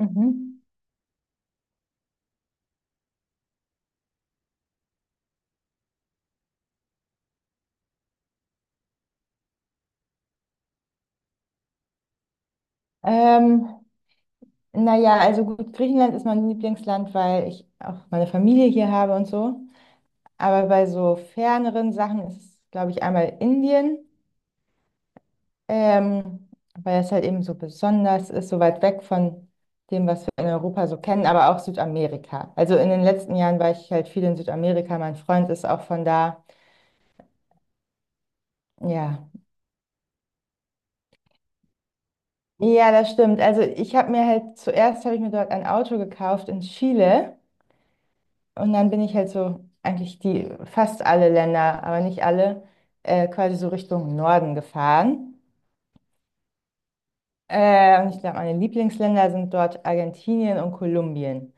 Mhm. Ähm, naja, also gut, Griechenland ist mein Lieblingsland, weil ich auch meine Familie hier habe und so. Aber bei so ferneren Sachen ist es, glaube ich, einmal Indien, ähm, weil es halt eben so besonders ist, so weit weg von dem, was wir in Europa so kennen, aber auch Südamerika. Also in den letzten Jahren war ich halt viel in Südamerika, mein Freund ist auch von da. Ja. Ja, das stimmt. Also ich habe mir halt zuerst habe ich mir dort ein Auto gekauft in Chile. Und dann bin ich halt so, eigentlich fast alle Länder, aber nicht alle, quasi so Richtung Norden gefahren. Und ich glaube, meine Lieblingsländer sind dort Argentinien und Kolumbien.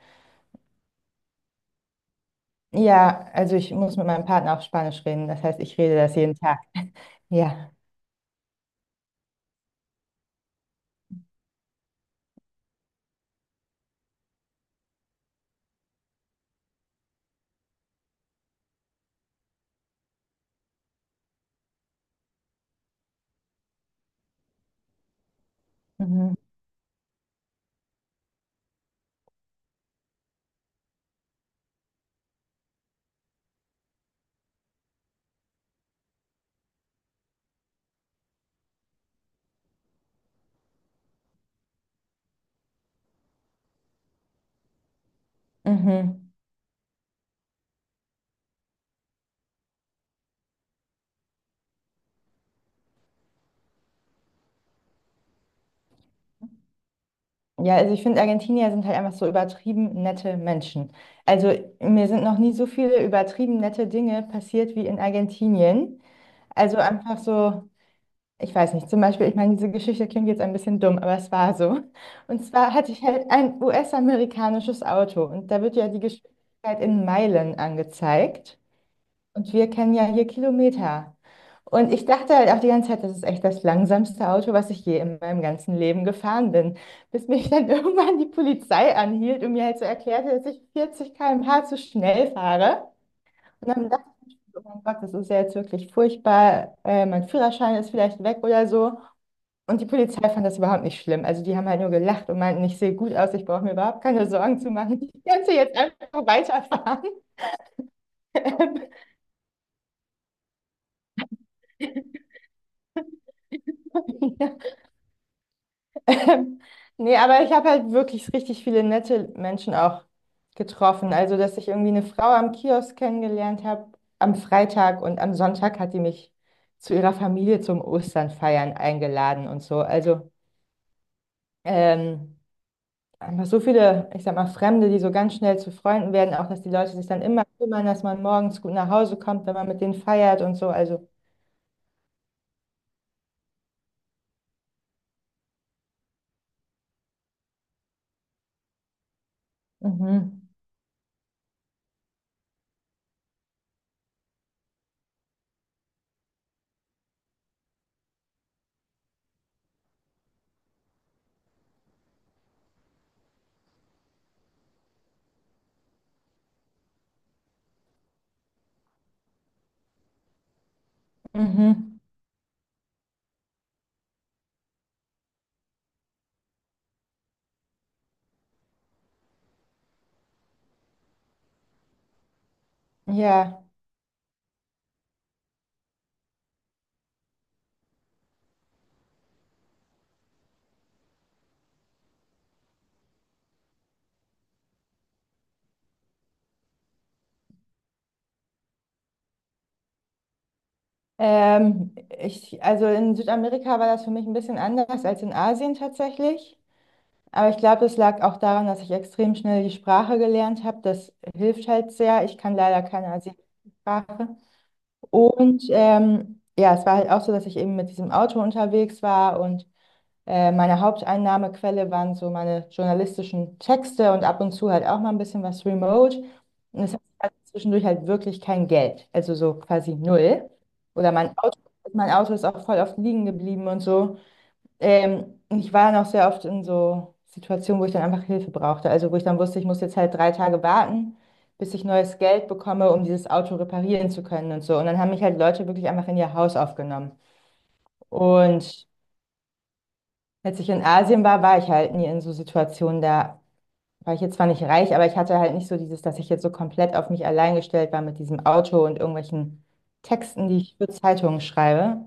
Ja, also ich muss mit meinem Partner auf Spanisch reden, das heißt, ich rede das jeden Tag. Ja. Mhm. Mhm. Ja, also ich finde, Argentinier sind halt einfach so übertrieben nette Menschen. Also mir sind noch nie so viele übertrieben nette Dinge passiert wie in Argentinien. Also einfach so. Ich weiß nicht, zum Beispiel, ich meine, diese Geschichte klingt jetzt ein bisschen dumm, aber es war so. Und zwar hatte ich halt ein US-amerikanisches Auto und da wird ja die Geschwindigkeit in Meilen angezeigt, und wir kennen ja hier Kilometer. Und ich dachte halt auch die ganze Zeit, das ist echt das langsamste Auto, was ich je in meinem ganzen Leben gefahren bin, bis mich dann irgendwann die Polizei anhielt und mir halt so erklärte, dass ich 40 km/h zu schnell fahre. Und dann dachte ich, oh mein Gott, das ist ja jetzt wirklich furchtbar, mein Führerschein ist vielleicht weg oder so. Und die Polizei fand das überhaupt nicht schlimm. Also die haben halt nur gelacht und meinten, ich sehe gut aus, ich brauche mir überhaupt keine Sorgen zu machen. Ich könnte jetzt einfach weiterfahren. Ja. Ähm, nee, aber ich habe halt wirklich richtig viele nette Menschen auch getroffen. Also, dass ich irgendwie eine Frau am Kiosk kennengelernt habe am Freitag, und am Sonntag hat die mich zu ihrer Familie zum Osternfeiern eingeladen und so. Also, ähm, einfach so viele, ich sag mal, Fremde, die so ganz schnell zu Freunden werden, auch dass die Leute sich dann immer kümmern, dass man morgens gut nach Hause kommt, wenn man mit denen feiert und so. Also, mhm, mhm, ja. Also in Südamerika war das für mich ein bisschen anders als in Asien tatsächlich. Aber ich glaube, das lag auch daran, dass ich extrem schnell die Sprache gelernt habe. Das hilft halt sehr. Ich kann leider keine asiatische Sprache. Und ja, es war halt auch so, dass ich eben mit diesem Auto unterwegs war, und meine Haupteinnahmequelle waren so meine journalistischen Texte und ab und zu halt auch mal ein bisschen was remote. Und es hat halt zwischendurch halt wirklich kein Geld, also so quasi null. Oder mein Auto ist auch voll oft liegen geblieben und so. Und ich war dann auch sehr oft in so Situationen, wo ich dann einfach Hilfe brauchte. Also wo ich dann wusste, ich muss jetzt halt 3 Tage warten, bis ich neues Geld bekomme, um dieses Auto reparieren zu können und so. Und dann haben mich halt Leute wirklich einfach in ihr Haus aufgenommen. Und als ich in Asien war, war ich halt nie in so Situationen. Da war ich jetzt zwar nicht reich, aber ich hatte halt nicht so dieses, dass ich jetzt so komplett auf mich allein gestellt war mit diesem Auto und irgendwelchen Texten, die ich für Zeitungen schreibe.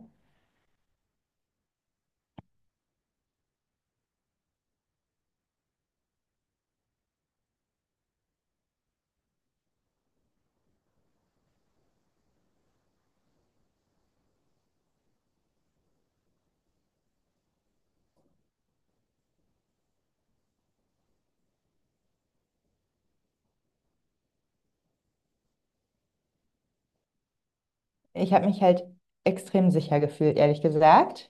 Ich habe mich halt extrem sicher gefühlt, ehrlich gesagt.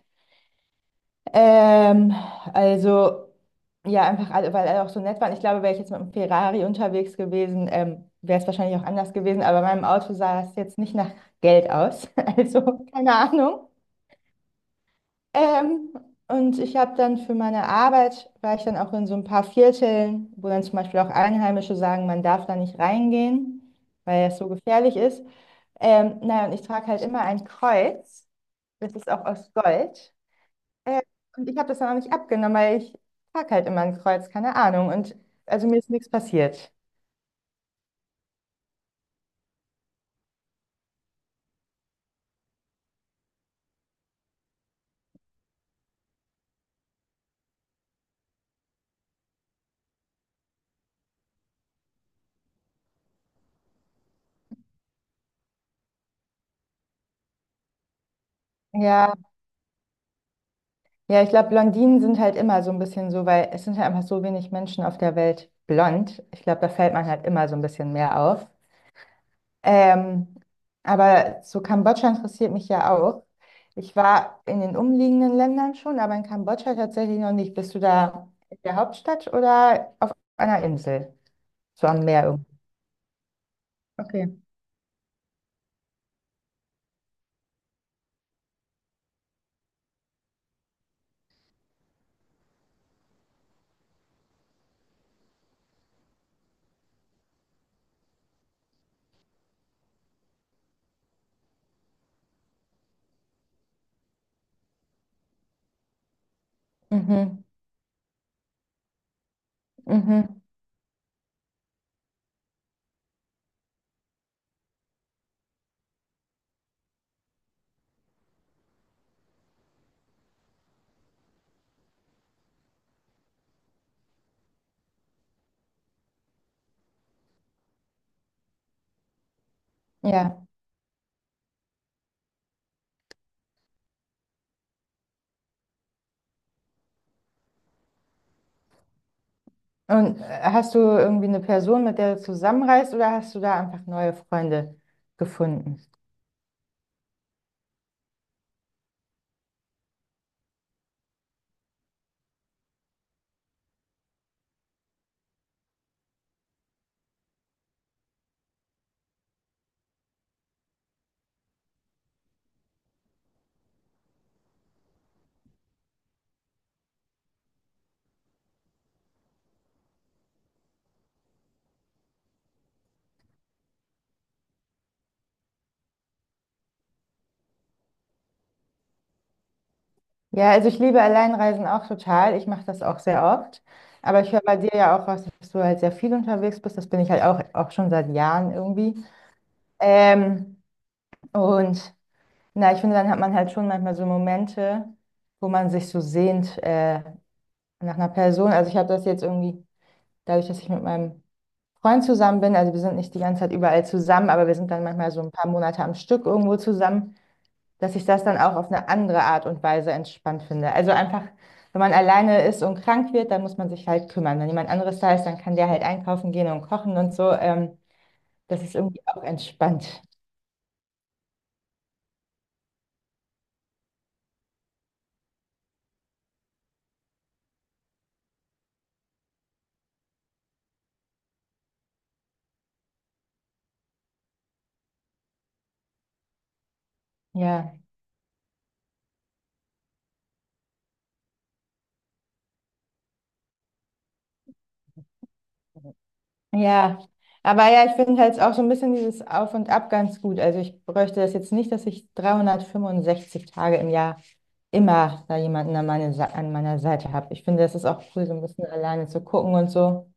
Ähm, also, ja, einfach, weil alle auch so nett waren. Ich glaube, wäre ich jetzt mit einem Ferrari unterwegs gewesen, wäre es wahrscheinlich auch anders gewesen, aber bei meinem Auto sah es jetzt nicht nach Geld aus. Also, keine Ahnung. Ähm, und ich habe dann für meine Arbeit, war ich dann auch in so ein paar Vierteln, wo dann zum Beispiel auch Einheimische sagen, man darf da nicht reingehen, weil es so gefährlich ist. Naja, und ich trage halt immer ein Kreuz, das ist auch aus Gold. Äh, und ich habe das dann auch nicht abgenommen, weil ich trage halt immer ein Kreuz, keine Ahnung. Und also mir ist nichts passiert. Ja, ja, ich glaube, Blondinen sind halt immer so ein bisschen so, weil es sind halt einfach so wenig Menschen auf der Welt blond. Ich glaube, da fällt man halt immer so ein bisschen mehr auf. Ähm, aber so Kambodscha interessiert mich ja auch. Ich war in den umliegenden Ländern schon, aber in Kambodscha tatsächlich noch nicht. Bist du da in der Hauptstadt oder auf einer Insel? So am Meer irgendwo. Okay. Mhm. Mhm. Ja. Und hast du irgendwie eine Person, mit der du zusammenreist, oder hast du da einfach neue Freunde gefunden? Ja, also ich liebe Alleinreisen auch total. Ich mache das auch sehr oft. Aber ich höre bei dir ja auch raus, dass du halt sehr viel unterwegs bist. Das bin ich halt auch, auch schon seit Jahren irgendwie. Ähm, und na, ich finde, dann hat man halt schon manchmal so Momente, wo man sich so sehnt nach einer Person. Also ich habe das jetzt irgendwie, dadurch, dass ich mit meinem Freund zusammen bin, also wir sind nicht die ganze Zeit überall zusammen, aber wir sind dann manchmal so ein paar Monate am Stück irgendwo zusammen, dass ich das dann auch auf eine andere Art und Weise entspannt finde. Also einfach, wenn man alleine ist und krank wird, dann muss man sich halt kümmern. Wenn jemand anderes da ist, dann kann der halt einkaufen gehen und kochen und so. Das ist irgendwie auch entspannt. Ja, ja. Aber ja, ich finde halt auch so ein bisschen dieses Auf und Ab ganz gut. Also ich bräuchte das jetzt nicht, dass ich 365 Tage im Jahr immer da jemanden an meiner Seite habe. Ich finde, das ist auch cool, so ein bisschen alleine zu gucken und so.